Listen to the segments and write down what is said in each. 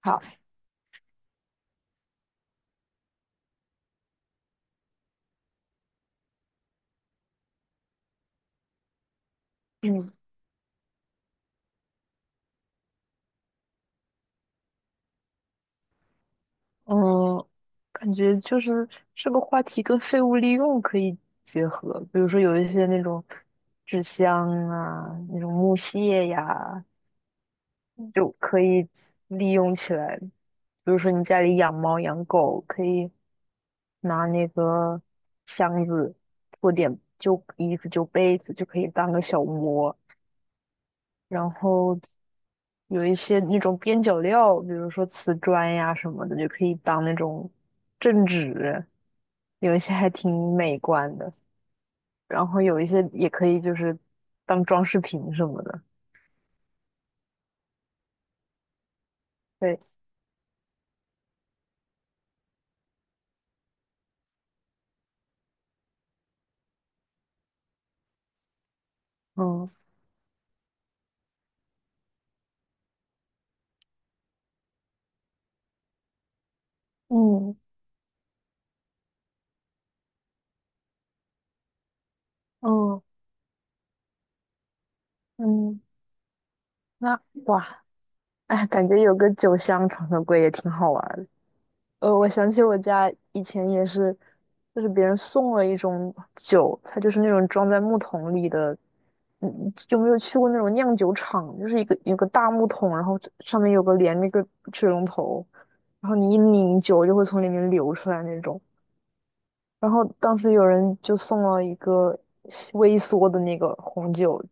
好，嗯嗯，感觉就是这个话题跟废物利用可以结合。比如说有一些那种纸箱啊，那种木屑呀，就可以利用起来。比如说你家里养猫养狗，可以拿那个箱子做点旧衣服就被子就可以当个小窝，然后有一些那种边角料，比如说瓷砖呀什么的，就可以当那种镇纸，有一些还挺美观的，然后有一些也可以就是当装饰品什么的。对，嗯嗯嗯嗯，那哇，哎，感觉有个酒香床头柜也挺好玩的。我想起我家以前也是，就是别人送了一种酒，它就是那种装在木桶里的。嗯，你有没有去过那种酿酒厂？就是一个有个大木桶，然后上面有个连那个水龙头，然后你一拧酒就会从里面流出来那种。然后当时有人就送了一个西微缩的那个红酒，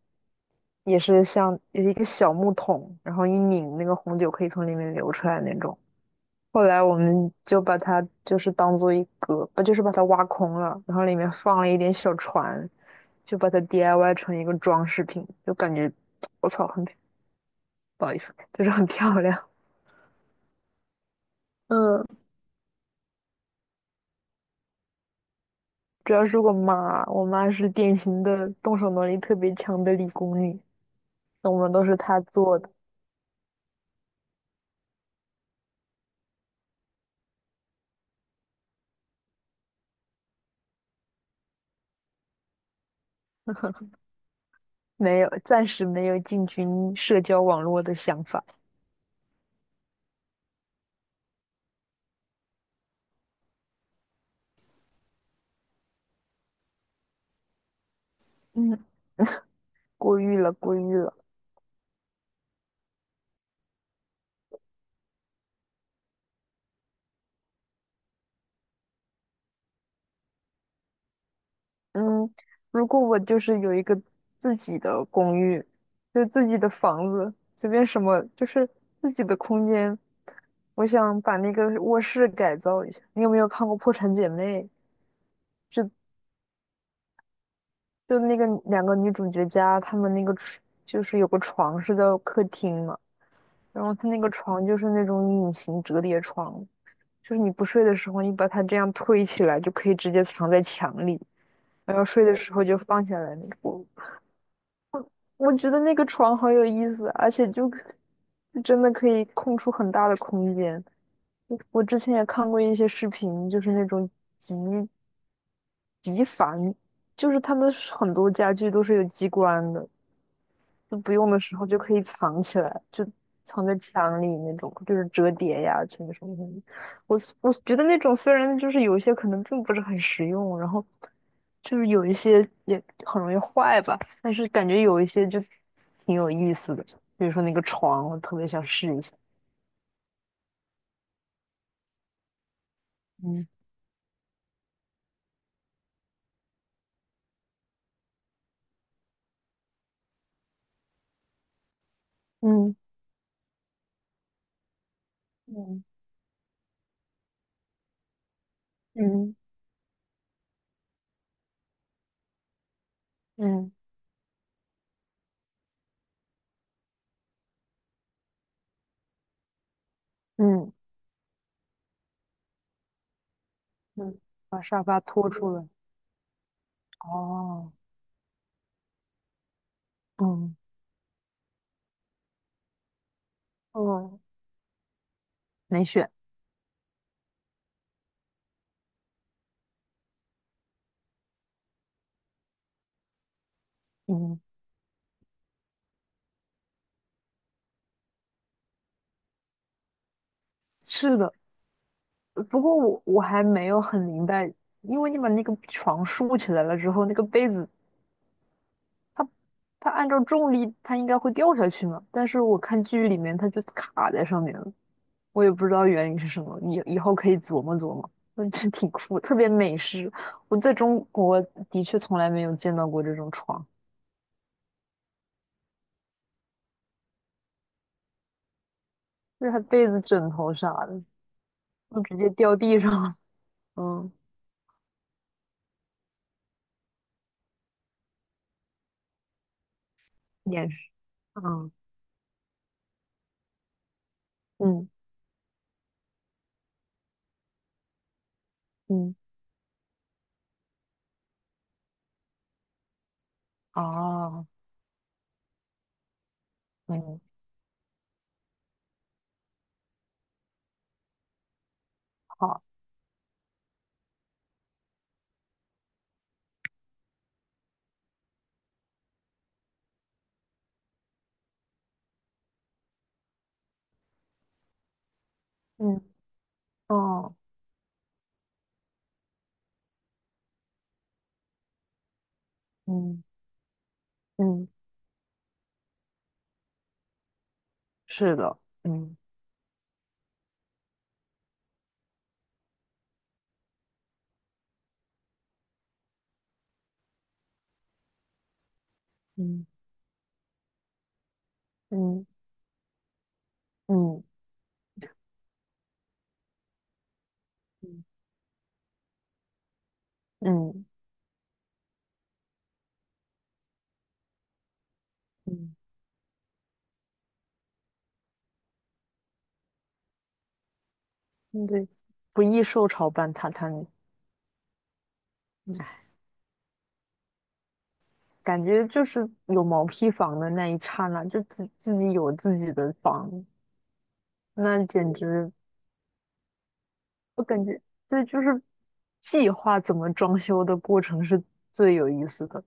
也是像有一个小木桶，然后一拧那个红酒可以从里面流出来那种。后来我们就把它就是当做一个，不就是把它挖空了，然后里面放了一点小船，就把它 DIY 成一个装饰品，就感觉我操，很不好意思，就是很漂亮。嗯，主要是我妈，我妈是典型的动手能力特别强的理工女，那我们都是她做的，没有，暂时没有进军社交网络的想法。嗯，过誉了，过誉了。嗯，如果我就是有一个自己的公寓，就是自己的房子，随便什么，就是自己的空间，我想把那个卧室改造一下。你有没有看过《破产姐妹》？就那个两个女主角家，她们那个床就是有个床是在客厅嘛，然后她那个床就是那种隐形折叠床，就是你不睡的时候，你把它这样推起来，就可以直接藏在墙里，然后睡的时候就放下来那个。我觉得那个床好有意思，而且就真的可以空出很大的空间。我之前也看过一些视频，就是那种极极繁，就是他们是很多家具都是有机关的，就不用的时候就可以藏起来，就藏在墙里那种，就是折叠呀，什么什么什么。我觉得那种虽然就是有一些可能并不是很实用，然后就是有一些也很容易坏吧，但是感觉有一些就挺有意思的，比如说那个床，我特别想试一下。嗯嗯嗯嗯嗯嗯嗯，把沙发拖出来。哦，嗯哦，没选。嗯，是的。不过我还没有很明白，因为你把那个床竖起来了之后，那个被子它它按照重力它应该会掉下去嘛，但是我看剧里面它就卡在上面了，我也不知道原因是什么，你以后可以琢磨琢磨，嗯，这挺酷，特别美式。我在中国的确从来没有见到过这种床，就是它被子、枕头啥的都直接掉地上了 嗯，也是，嗯嗯嗯，哦，嗯，好，嗯，哦，嗯嗯。是的，嗯嗯嗯嗯嗯嗯嗯，嗯对，不易受潮伴榻榻米，唉感觉就是有毛坯房的那一刹那，就自己有自己的房，那简直，我感觉对，就是计划怎么装修的过程是最有意思的，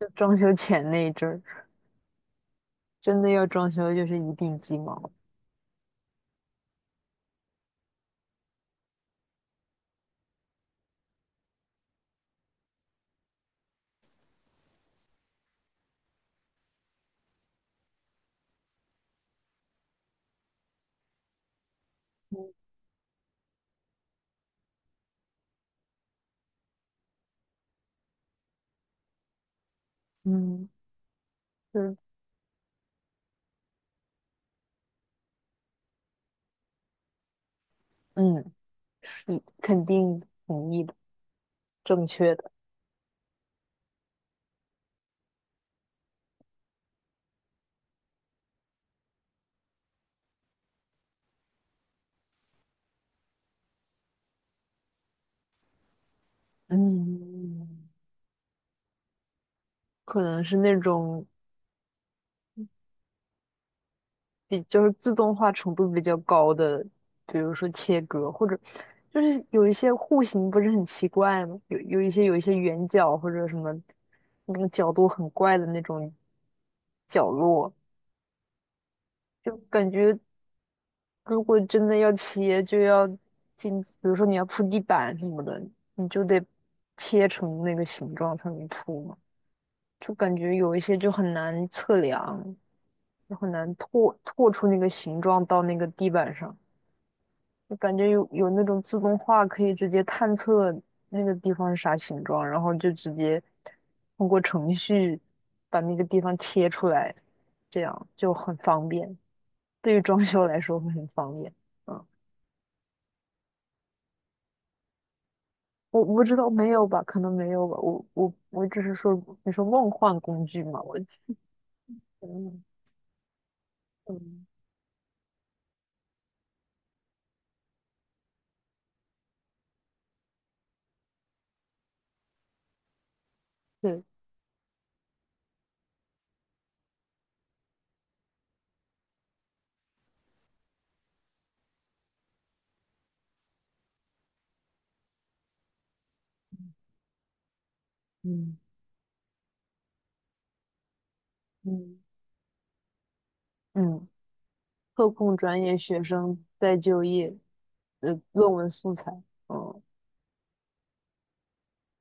就装修前那一阵儿，真的要装修就是一地鸡毛，嗯嗯，就是嗯，是肯定同意的，正确的，嗯。可能是那种比就是自动化程度比较高的，比如说切割，或者就是有一些户型不是很奇怪吗？有一些圆角或者什么那个角度很怪的那种角落，就感觉如果真的要切，就要进，比如说你要铺地板什么的，你就得切成那个形状才能铺嘛，就感觉有一些就很难测量。就很难拓出那个形状到那个地板上。就感觉有那种自动化可以直接探测那个地方是啥形状，然后就直接通过程序把那个地方切出来，这样就很方便。对于装修来说会很方便。嗯，我不知道没有吧，可能没有吧。我只是说你说梦幻工具嘛，我嗯嗯对嗯嗯嗯。特控专业学生再就业，的论文素材，嗯，